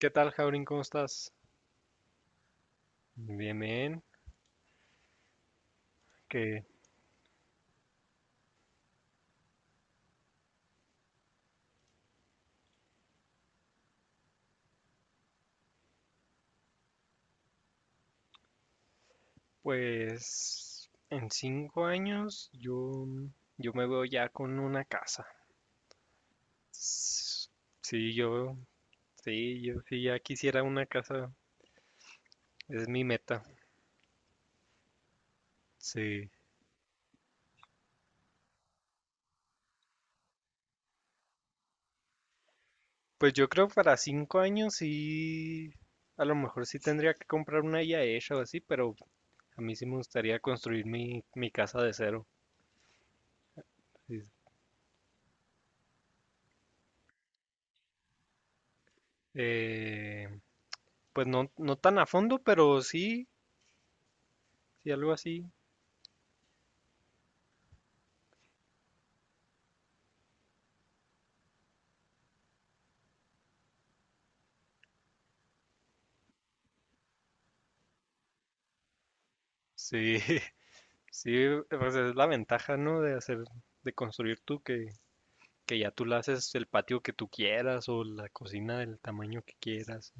¿Qué tal, Jaurín? ¿Cómo estás? Bien, bien. Que Pues en 5 años yo me veo ya con una casa. S- Sí, yo, sí, yo sí ya quisiera una casa. Es mi meta. Sí. Pues yo creo para 5 años sí, a lo mejor sí tendría que comprar una ya hecha o así, pero a mí sí me gustaría construir mi casa de cero. Sí. Eh, pues no, no tan a fondo, pero sí, sí algo así. Sí, sí, pues es la ventaja, ¿no? De construir tú que ya tú le haces el patio que tú quieras o la cocina del tamaño que quieras.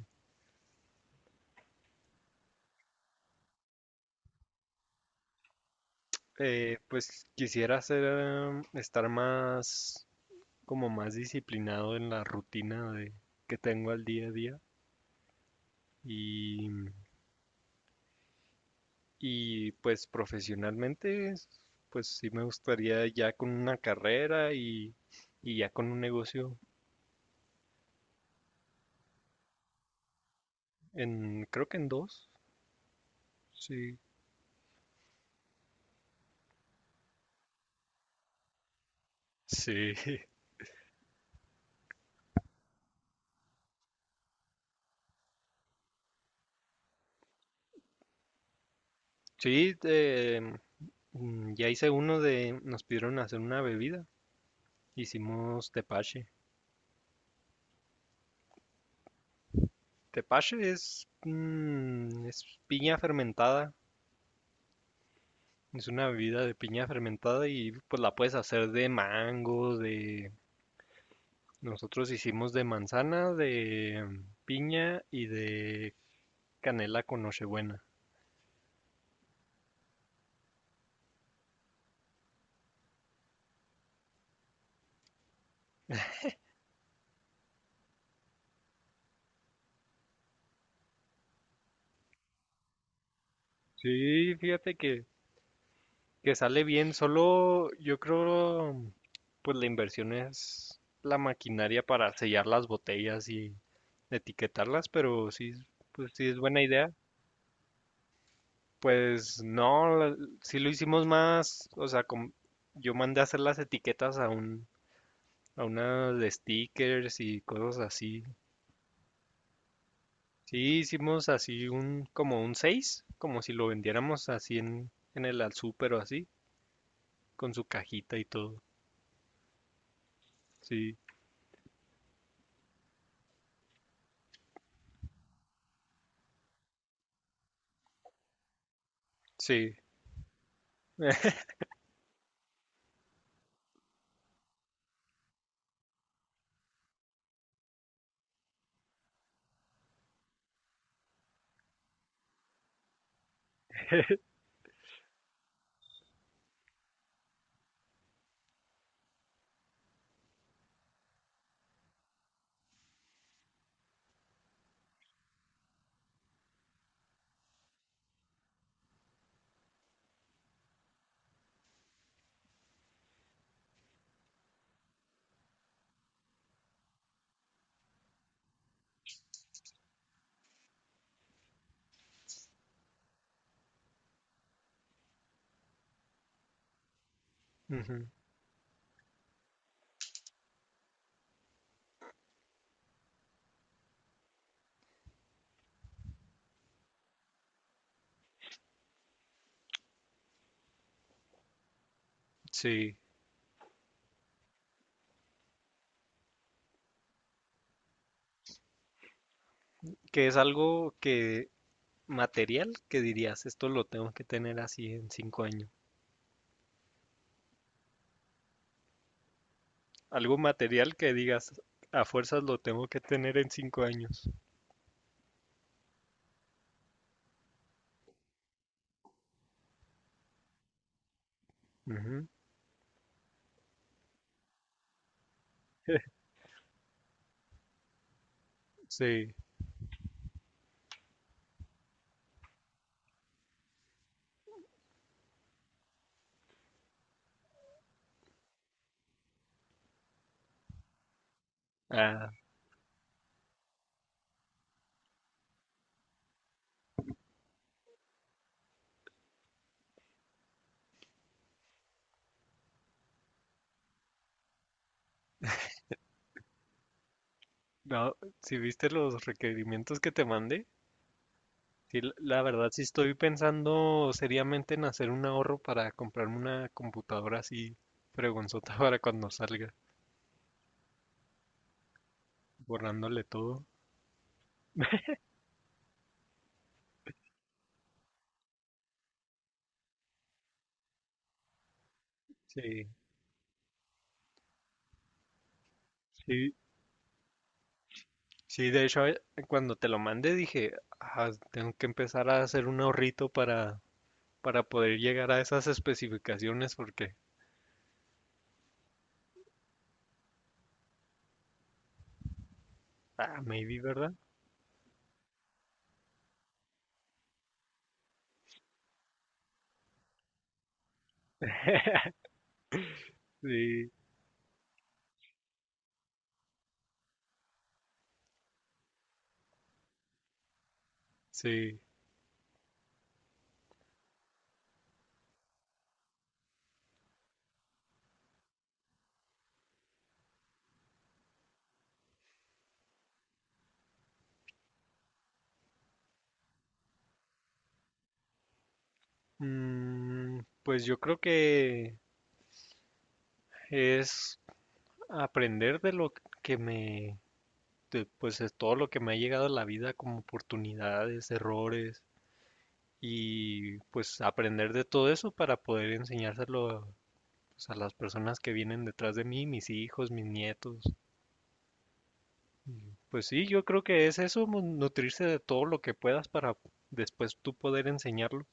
Pues quisiera estar más, como más disciplinado en la rutina de, que tengo al día a día y, y pues profesionalmente, pues sí me gustaría ya con una carrera y ya con un negocio creo que en dos, sí. Sí, sí, ya hice uno de, nos pidieron hacer una bebida, hicimos tepache. Tepache es, es piña fermentada, es una bebida de piña fermentada y pues la puedes hacer de mango, de, nosotros hicimos de manzana, de piña y de canela con nochebuena. Sí, fíjate que sale bien, solo yo creo, pues la inversión es la maquinaria para sellar las botellas y etiquetarlas, pero sí, pues sí es buena idea. Pues no, sí lo hicimos más, o sea, yo mandé a hacer las etiquetas a unas de stickers y cosas así. Sí, hicimos así un, como un 6 como si lo vendiéramos así en, el al súper o así, con su cajita y todo. Sí, sí. Sí, que es algo que material que dirías, esto lo tengo que tener así en 5 años. Algo material que digas, a fuerzas lo tengo que tener en 5 años. Ujú, Sí. Ah, no, si viste los requerimientos que te mandé, sí, la verdad sí estoy pensando seriamente en hacer un ahorro para comprarme una computadora así fregonzota para cuando salga, borrándole todo. Sí, sí, Sí, de hecho, cuando te lo mandé dije: "Ah, tengo que empezar a hacer un ahorrito para poder llegar a esas especificaciones porque, maybe, ¿verdad? Sí, sí". Pues yo creo que es aprender de lo que me, de, pues es todo lo que me ha llegado a la vida como oportunidades, errores y pues aprender de todo eso para poder enseñárselo a, pues, a las personas que vienen detrás de mí, mis hijos, mis nietos. Y, pues sí, yo creo que es eso, nutrirse de todo lo que puedas para después tú poder enseñarlo.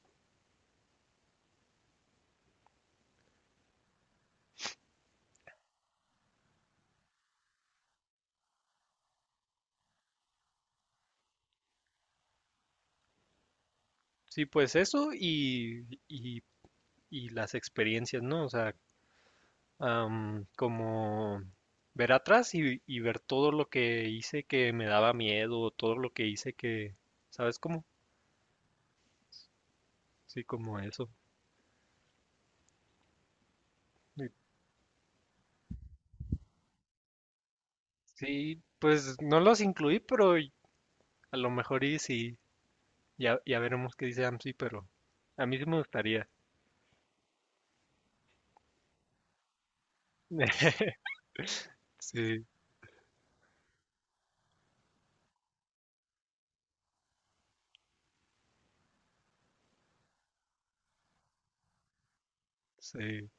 Sí, pues eso y las experiencias, ¿no? O sea, como ver atrás y ver todo lo que hice que me daba miedo, todo lo que hice que, ¿sabes cómo? Sí, como eso. Y sí, pues no los incluí, pero a lo mejor y sí, ya veremos qué dice AMSI, pero a mí sí me gustaría. Sí, sí.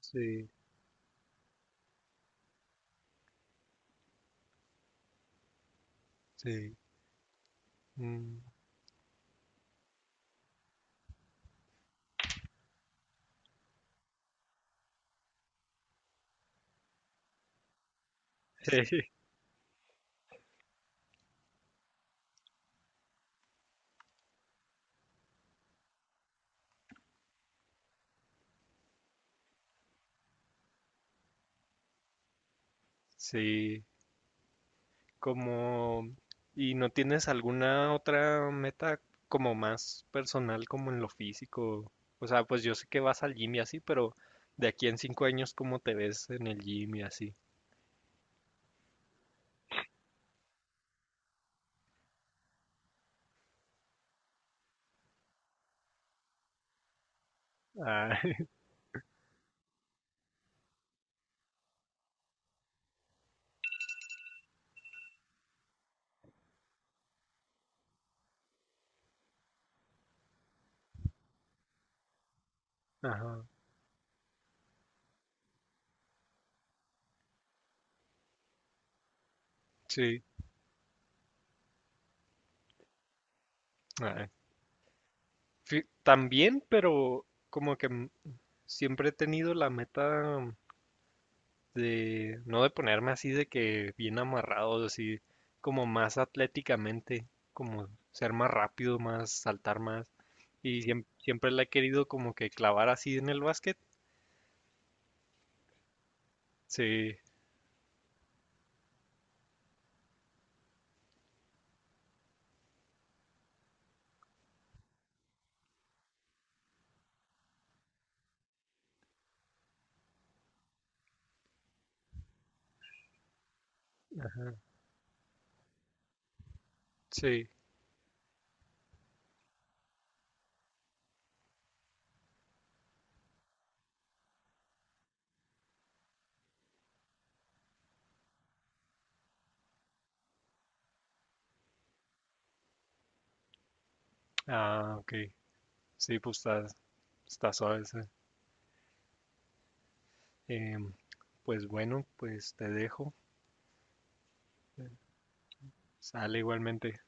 Sí, sí. mm, Sí, como... ¿Y no tienes alguna otra meta como más personal, como en lo físico? O sea, pues yo sé que vas al gym y así, pero de aquí en 5 años, ¿cómo te ves en el gym y así? Ah, ajá, sí. Ah, también, pero como que siempre he tenido la meta de no de ponerme así de que bien amarrado, así como más atléticamente, como ser más rápido, más saltar más. Y siempre la he querido como que clavar así en el básquet. Sí, sí. Ok. Sí, pues está suave, esa. Em, pues bueno, pues te dejo. Sale igualmente.